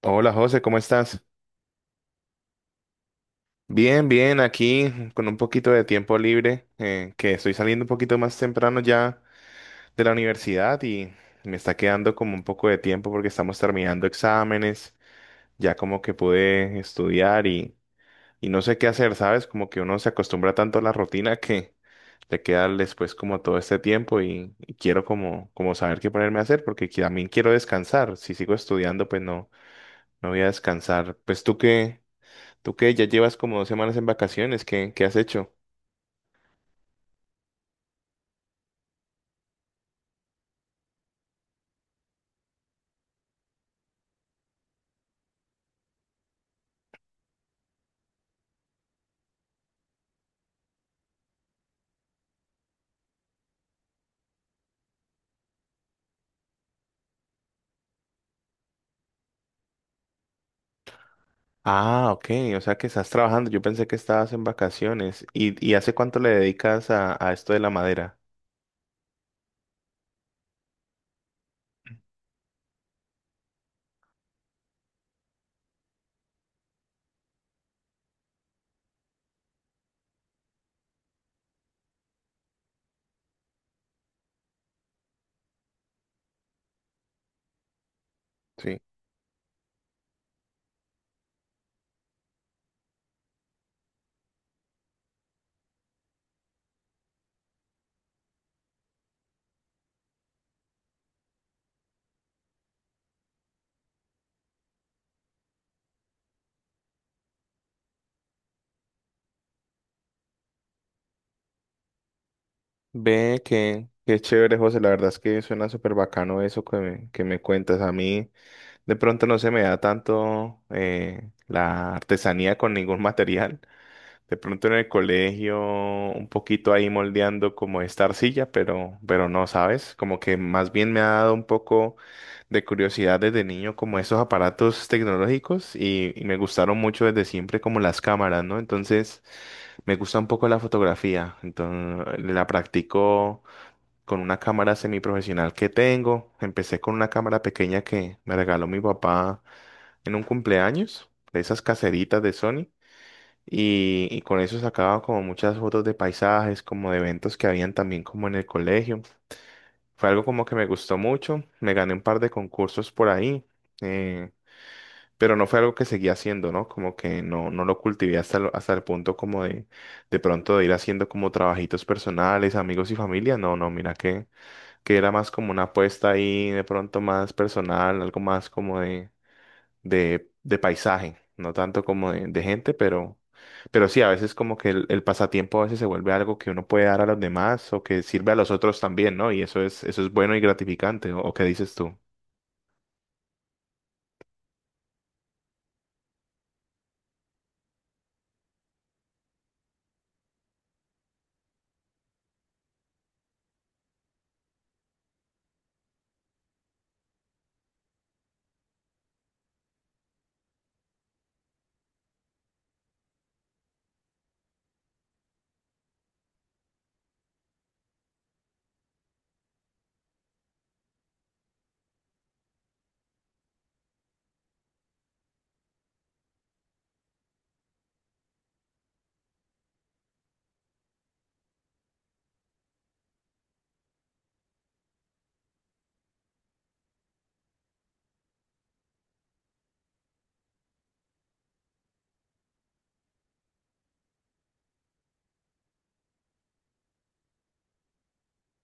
Hola José, ¿cómo estás? Bien, bien, aquí con un poquito de tiempo libre, que estoy saliendo un poquito más temprano ya de la universidad y me está quedando como un poco de tiempo porque estamos terminando exámenes, ya como que pude estudiar y no sé qué hacer, ¿sabes? Como que uno se acostumbra tanto a la rutina que le queda después como todo este tiempo y quiero como, como saber qué ponerme a hacer porque también quiero descansar. Si sigo estudiando, pues no, no voy a descansar. Pues tú qué. ¿Tú qué? Ya llevas como 2 semanas en vacaciones. ¿Qué, qué has hecho? Ah, ok. O sea que estás trabajando. Yo pensé que estabas en vacaciones. Y hace cuánto le dedicas a esto de la madera? Sí. Ve que, qué chévere, José. La verdad es que suena súper bacano eso que me cuentas. A mí de pronto no se me da tanto la artesanía con ningún material. De pronto en el colegio, un poquito ahí moldeando como esta arcilla, pero no, ¿sabes? Como que más bien me ha dado un poco de curiosidad desde niño como esos aparatos tecnológicos y me gustaron mucho desde siempre como las cámaras, ¿no? Entonces me gusta un poco la fotografía, entonces la practico con una cámara semiprofesional que tengo. Empecé con una cámara pequeña que me regaló mi papá en un cumpleaños, de esas caseritas de Sony. Y con eso sacaba como muchas fotos de paisajes, como de eventos que habían también como en el colegio. Fue algo como que me gustó mucho, me gané un par de concursos por ahí, eh, pero no fue algo que seguí haciendo, ¿no? Como que no, no lo cultivé hasta, hasta el punto como de pronto de ir haciendo como trabajitos personales, amigos y familia. No, no, mira que era más como una apuesta ahí de pronto más personal, algo más como de de paisaje, no tanto como de gente, pero sí, a veces como que el pasatiempo a veces se vuelve algo que uno puede dar a los demás o que sirve a los otros también, ¿no? Y eso es bueno y gratificante, o qué dices tú?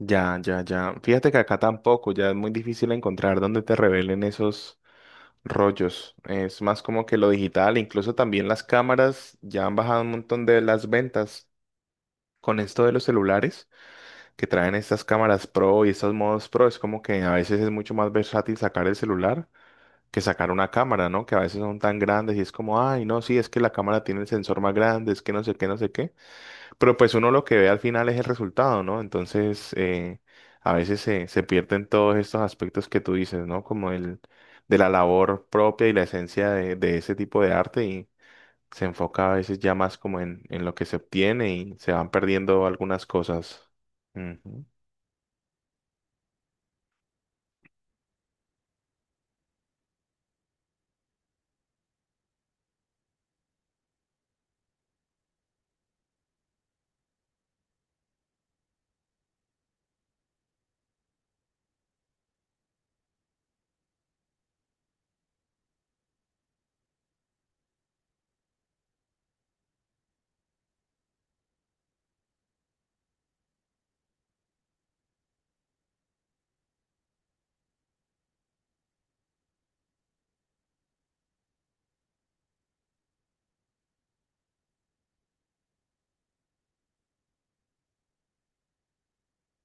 Ya, ya, ya. Fíjate que acá tampoco, ya es muy difícil encontrar donde te revelen esos rollos. Es más como que lo digital, incluso también las cámaras ya han bajado un montón de las ventas con esto de los celulares. Que traen estas cámaras pro y estos modos pro, es como que a veces es mucho más versátil sacar el celular que sacar una cámara, ¿no? Que a veces son tan grandes y es como, ay, no, sí, es que la cámara tiene el sensor más grande, es que no sé qué, no sé qué. Pero pues uno lo que ve al final es el resultado, ¿no? Entonces, a veces se, se pierden todos estos aspectos que tú dices, ¿no? Como el de la labor propia y la esencia de ese tipo de arte y se enfoca a veces ya más como en lo que se obtiene y se van perdiendo algunas cosas. Ujú.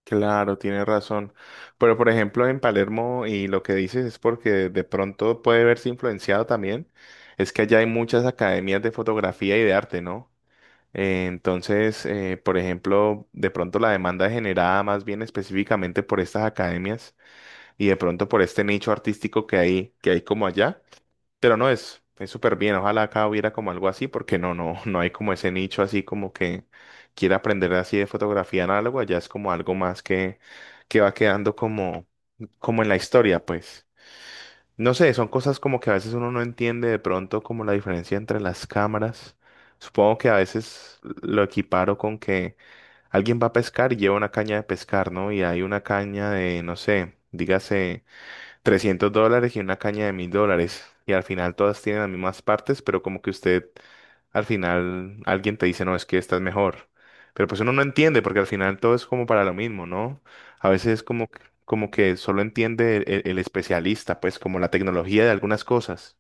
Claro, tiene razón. Pero por ejemplo, en Palermo, y lo que dices es porque de pronto puede verse influenciado también, es que allá hay muchas academias de fotografía y de arte, ¿no? Entonces, por ejemplo, de pronto la demanda es generada más bien específicamente por estas academias y de pronto por este nicho artístico que hay como allá. Pero no es, es súper bien. Ojalá acá hubiera como algo así, porque no, no, no hay como ese nicho así como que quiera aprender así de fotografía análoga. Ya es como algo más que va quedando como, como en la historia, pues. No sé, son cosas como que a veces uno no entiende de pronto como la diferencia entre las cámaras. Supongo que a veces lo equiparo con que alguien va a pescar y lleva una caña de pescar, ¿no? Y hay una caña de, no sé, dígase $300 y una caña de $1000. Y al final todas tienen las mismas partes, pero como que usted, al final, alguien te dice, no, es que esta es mejor. Pero pues uno no entiende, porque al final todo es como para lo mismo, ¿no? A veces es como, como que solo entiende el, el especialista, pues como la tecnología de algunas cosas.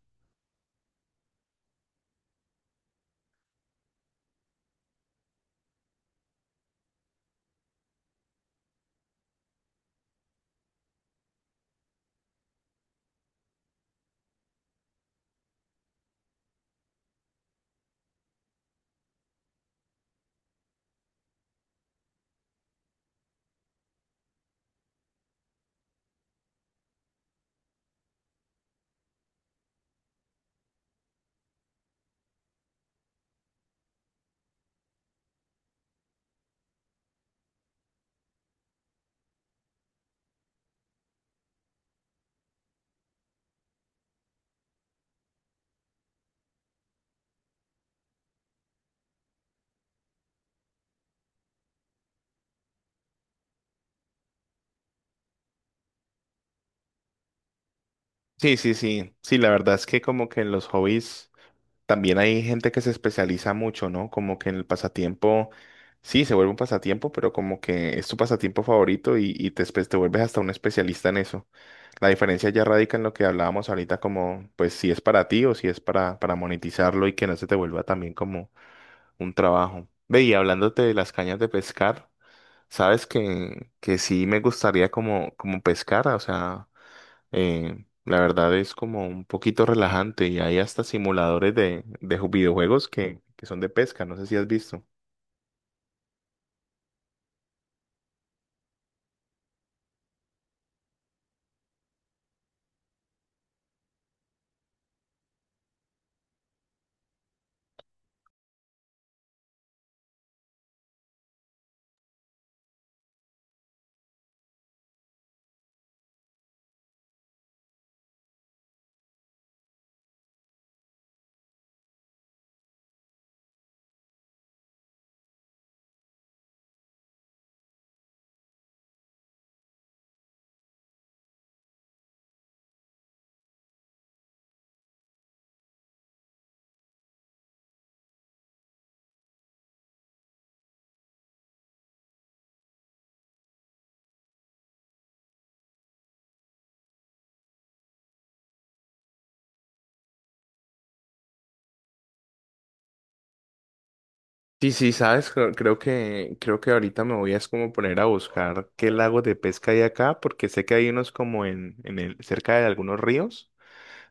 Sí, sí, sí. Sí, la verdad es que como que en los hobbies... También hay gente que se especializa mucho, ¿no? Como que en el pasatiempo, sí, se vuelve un pasatiempo, pero como que es tu pasatiempo favorito y te, te vuelves hasta un especialista en eso. La diferencia ya radica en lo que hablábamos ahorita, como pues si es para ti o si es para monetizarlo y que no se te vuelva también como un trabajo. Ve, y hablándote de las cañas de pescar, sabes que sí me gustaría como, como pescar, o sea. La verdad es como un poquito relajante y hay hasta simuladores de, videojuegos que son de pesca, no sé si has visto. Sí, sí, sabes, creo que creo que ahorita me voy a es como poner a buscar qué lagos de pesca hay acá, porque sé que hay unos como en el, cerca de algunos ríos,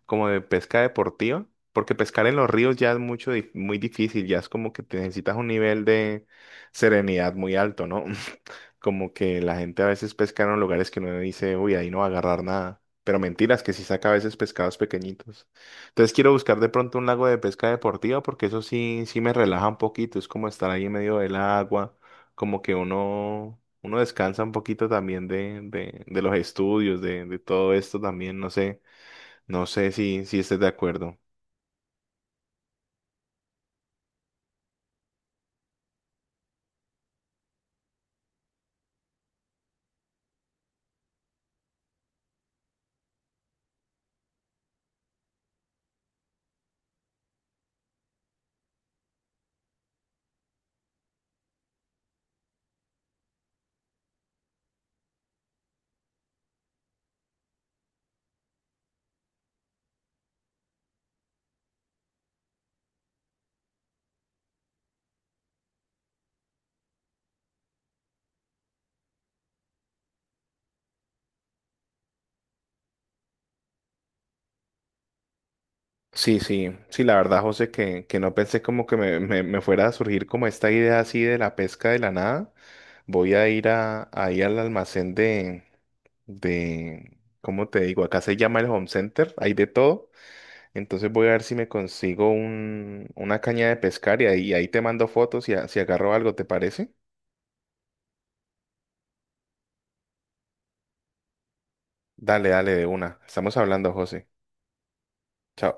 como de pesca deportiva, porque pescar en los ríos ya es mucho, muy difícil, ya es como que te necesitas un nivel de serenidad muy alto, ¿no? Como que la gente a veces pesca en lugares que uno dice, uy, ahí no va a agarrar nada. Pero mentiras, que sí saca a veces pescados pequeñitos. Entonces quiero buscar de pronto un lago de pesca deportiva porque eso sí, sí me relaja un poquito. Es como estar ahí en medio del agua, como que uno, uno descansa un poquito también de los estudios, de todo esto también. No sé, no sé si, si estés de acuerdo. Sí, sí, sí, la verdad, José, que no pensé como que me, me fuera a surgir como esta idea así de la pesca de la nada. Voy a ir a, ahí al almacén de, ¿cómo te digo? Acá se llama el Home Center, hay de todo. Entonces voy a ver si me consigo un, una caña de pescar y ahí, ahí te mando fotos y si agarro algo, ¿te parece? Dale, dale, de una. Estamos hablando, José. Chao.